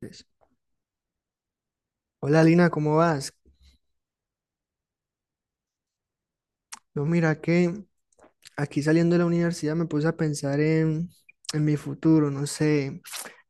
Pues, Hola Lina, ¿cómo vas? No, mira que aquí saliendo de la universidad me puse a pensar en mi futuro, no sé,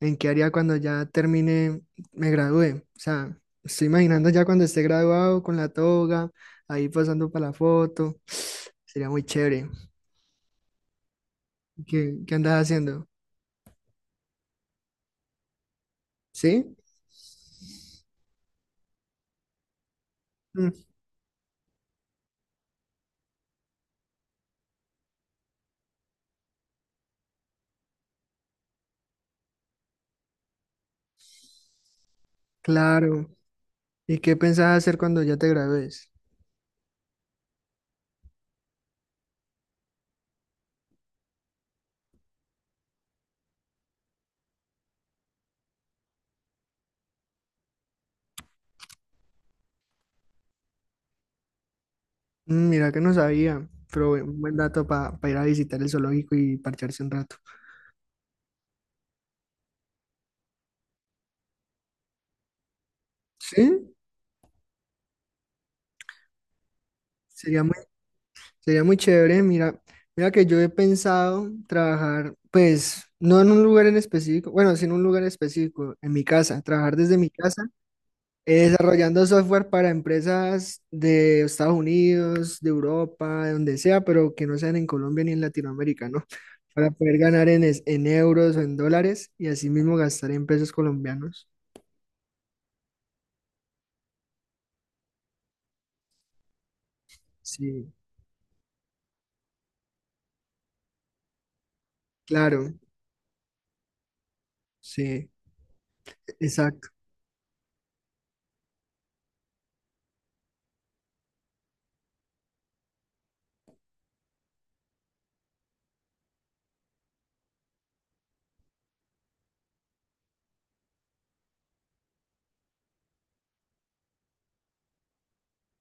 en qué haría cuando ya termine, me gradué. O sea, estoy imaginando ya cuando esté graduado con la toga, ahí pasando para la foto. Sería muy chévere. ¿Qué, qué andas haciendo? ¿Sí? Mm, claro. ¿Y qué pensás hacer cuando ya te gradúes? Mm, mira que no sabía, pero buen dato para ir a visitar el zoológico y parcharse un rato. ¿Sí? Sería muy, sería muy chévere, mira que yo he pensado trabajar, pues, no en un lugar en específico, bueno, sí en un lugar específico, en mi casa, trabajar desde mi casa, desarrollando software para empresas de Estados Unidos, de Europa, de donde sea, pero que no sean en Colombia ni en Latinoamérica, ¿no? Para poder ganar en euros o en dólares y así mismo gastar en pesos colombianos. Sí, claro, sí, exacto.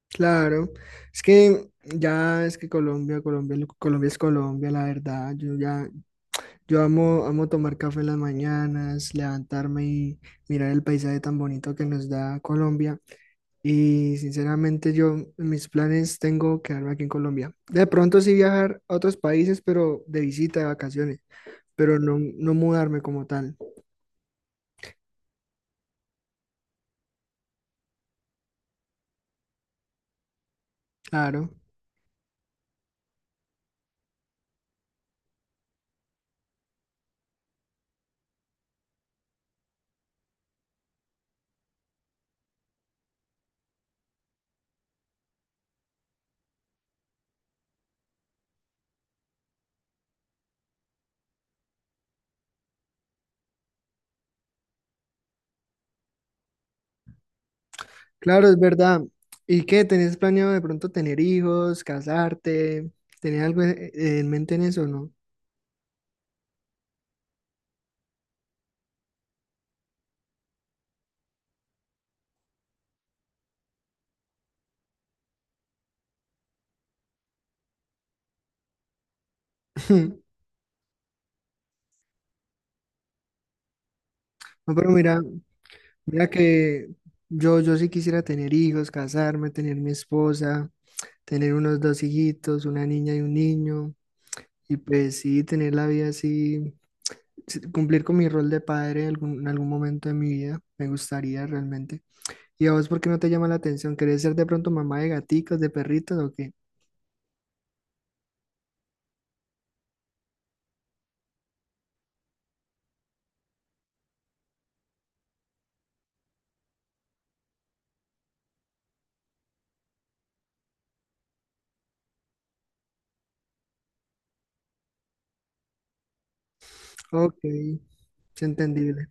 Claro, es que ya es que Colombia es Colombia, la verdad. Yo amo, amo tomar café en las mañanas, levantarme y mirar el paisaje tan bonito que nos da Colombia. Y sinceramente yo en mis planes tengo quedarme aquí en Colombia. De pronto sí viajar a otros países, pero de visita, de vacaciones, pero no, no mudarme como tal. Claro. Claro, es verdad. ¿Y qué? ¿Tenés planeado de pronto tener hijos, casarte? ¿Tenés algo en mente en eso, no? No, pero mira, mira que yo sí quisiera tener hijos, casarme, tener mi esposa, tener unos dos hijitos, una niña y un niño, y pues sí, tener la vida así, sí, cumplir con mi rol de padre en en algún momento de mi vida, me gustaría realmente. ¿Y a vos por qué no te llama la atención? ¿Querés ser de pronto mamá de gaticos, de perritos o qué? Ok, es entendible.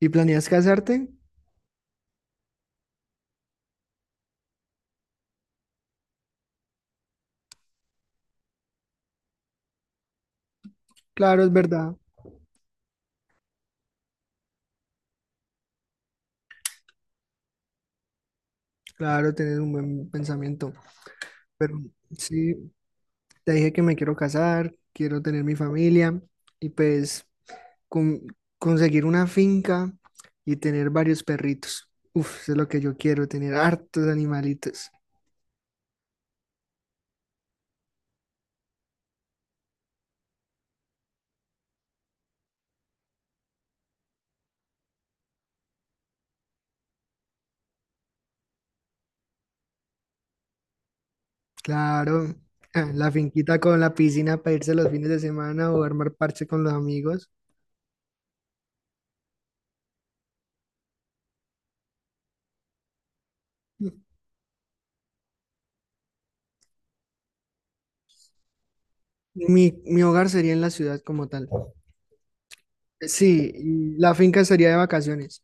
¿Y planeas casarte? Claro, es verdad. Claro, tienes un buen pensamiento. Pero sí, te dije que me quiero casar, quiero tener mi familia y pues con- conseguir una finca y tener varios perritos. Uf, eso es lo que yo quiero, tener hartos animalitos. Claro, ah, la finquita con la piscina para irse los fines de semana o armar parche con los amigos. Mi hogar sería en la ciudad como tal. Sí, y la finca sería de vacaciones.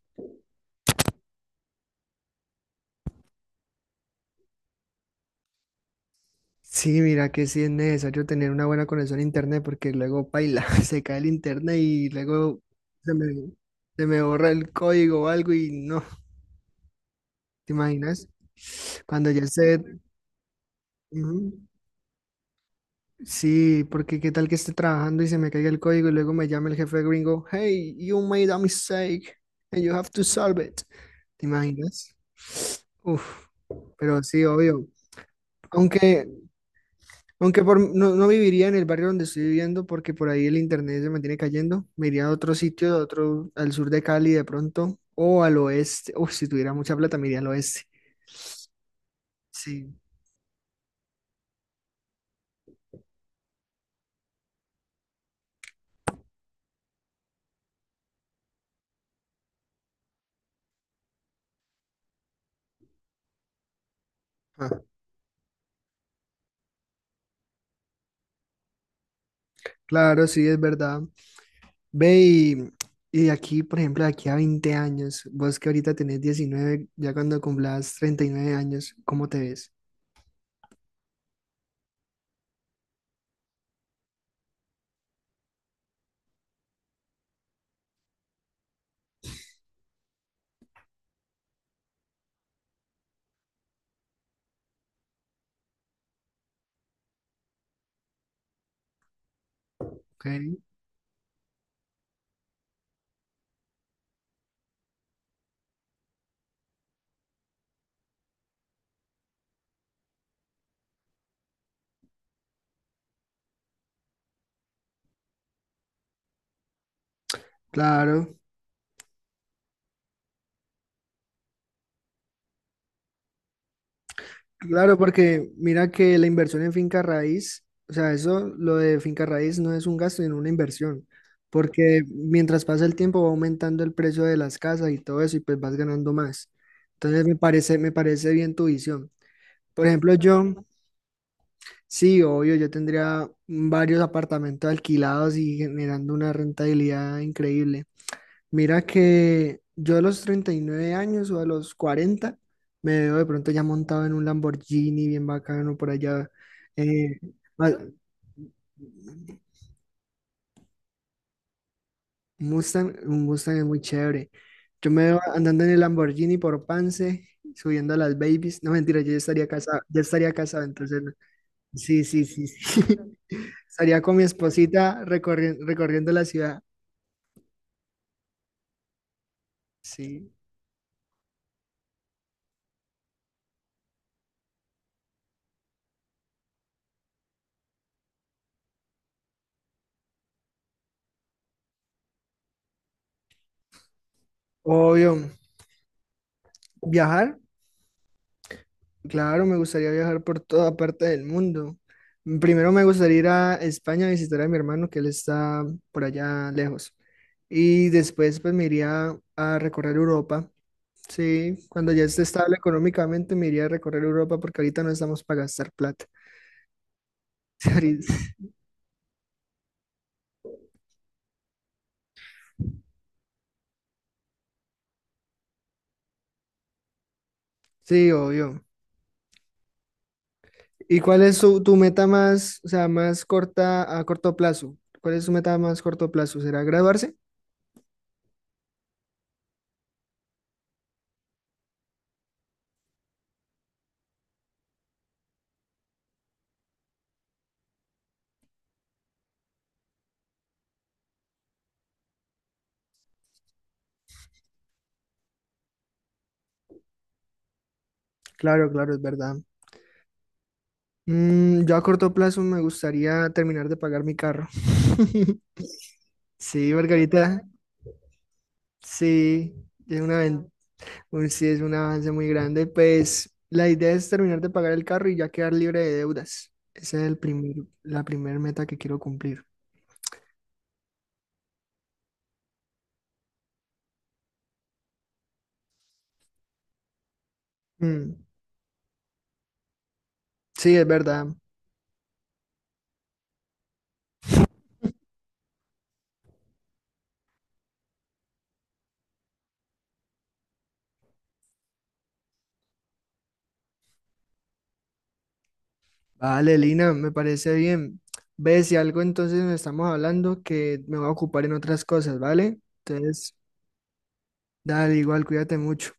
Sí, mira que sí es necesario tener una buena conexión a internet porque luego paila, se cae el internet y luego se me, se me borra el código o algo y no, ¿te imaginas? Cuando ya esté, ujú, sí, porque qué tal que esté trabajando y se me caiga el código y luego me llama el jefe gringo, hey, you made a mistake and you have to solve it, ¿te imaginas? Uf, pero sí, obvio. Aunque, Aunque no, no viviría en el barrio donde estoy viviendo porque por ahí el internet se mantiene cayendo. Me iría a otro sitio, a otro, al sur de Cali de pronto, o al oeste. Uf, si tuviera mucha plata, me iría al oeste. Sí, ah, claro, sí, es verdad. Ve y, y de aquí, por ejemplo, de aquí a 20 años, vos que ahorita tenés 19, ya cuando cumplas 39 años, ¿cómo te ves? Ok, claro. Claro, porque mira que la inversión en finca raíz, o sea, eso, lo de finca raíz no es un gasto, sino una inversión, porque mientras pasa el tiempo va aumentando el precio de las casas y todo eso y pues vas ganando más. Entonces me parece bien tu visión. Por ejemplo, yo, sí, obvio, yo tendría varios apartamentos alquilados y generando una rentabilidad increíble. Mira que yo a los 39 años o a los 40 me veo de pronto ya montado en un Lamborghini bien bacano por allá. eh, ah, Mustang, un Mustang es muy chévere. Yo me veo andando en el Lamborghini por Pance, subiendo a las babies. No, mentira, yo ya estaría casado, entonces no. Sí, sí, sí, sí. Estaría con mi esposita recorriendo la ciudad. Sí. Obvio. Viajar, claro, me gustaría viajar por toda parte del mundo. Primero me gustaría ir a España a visitar a mi hermano, que él está por allá lejos. Y después pues me iría a recorrer Europa. Sí, cuando ya esté estable económicamente me iría a recorrer Europa porque ahorita no estamos para gastar plata. Ahorita- sí, obvio. ¿Y cuál tu meta más, o sea, más corta a corto plazo? ¿Cuál es su meta más corto plazo? ¿Será graduarse? Claro, claro, es verdad. Mm, yo a corto plazo me gustaría terminar de pagar mi carro. Sí, Margarita, sí, es sí, es un avance muy grande. Pues la idea es terminar de pagar el carro y ya quedar libre de deudas. Esa es el primer, la primera meta que quiero cumplir. Mm, sí, es verdad. Vale, Lina, me parece bien. Ve, si algo entonces nos estamos hablando que me voy a ocupar en otras cosas, ¿vale? Entonces, dale, igual, cuídate mucho.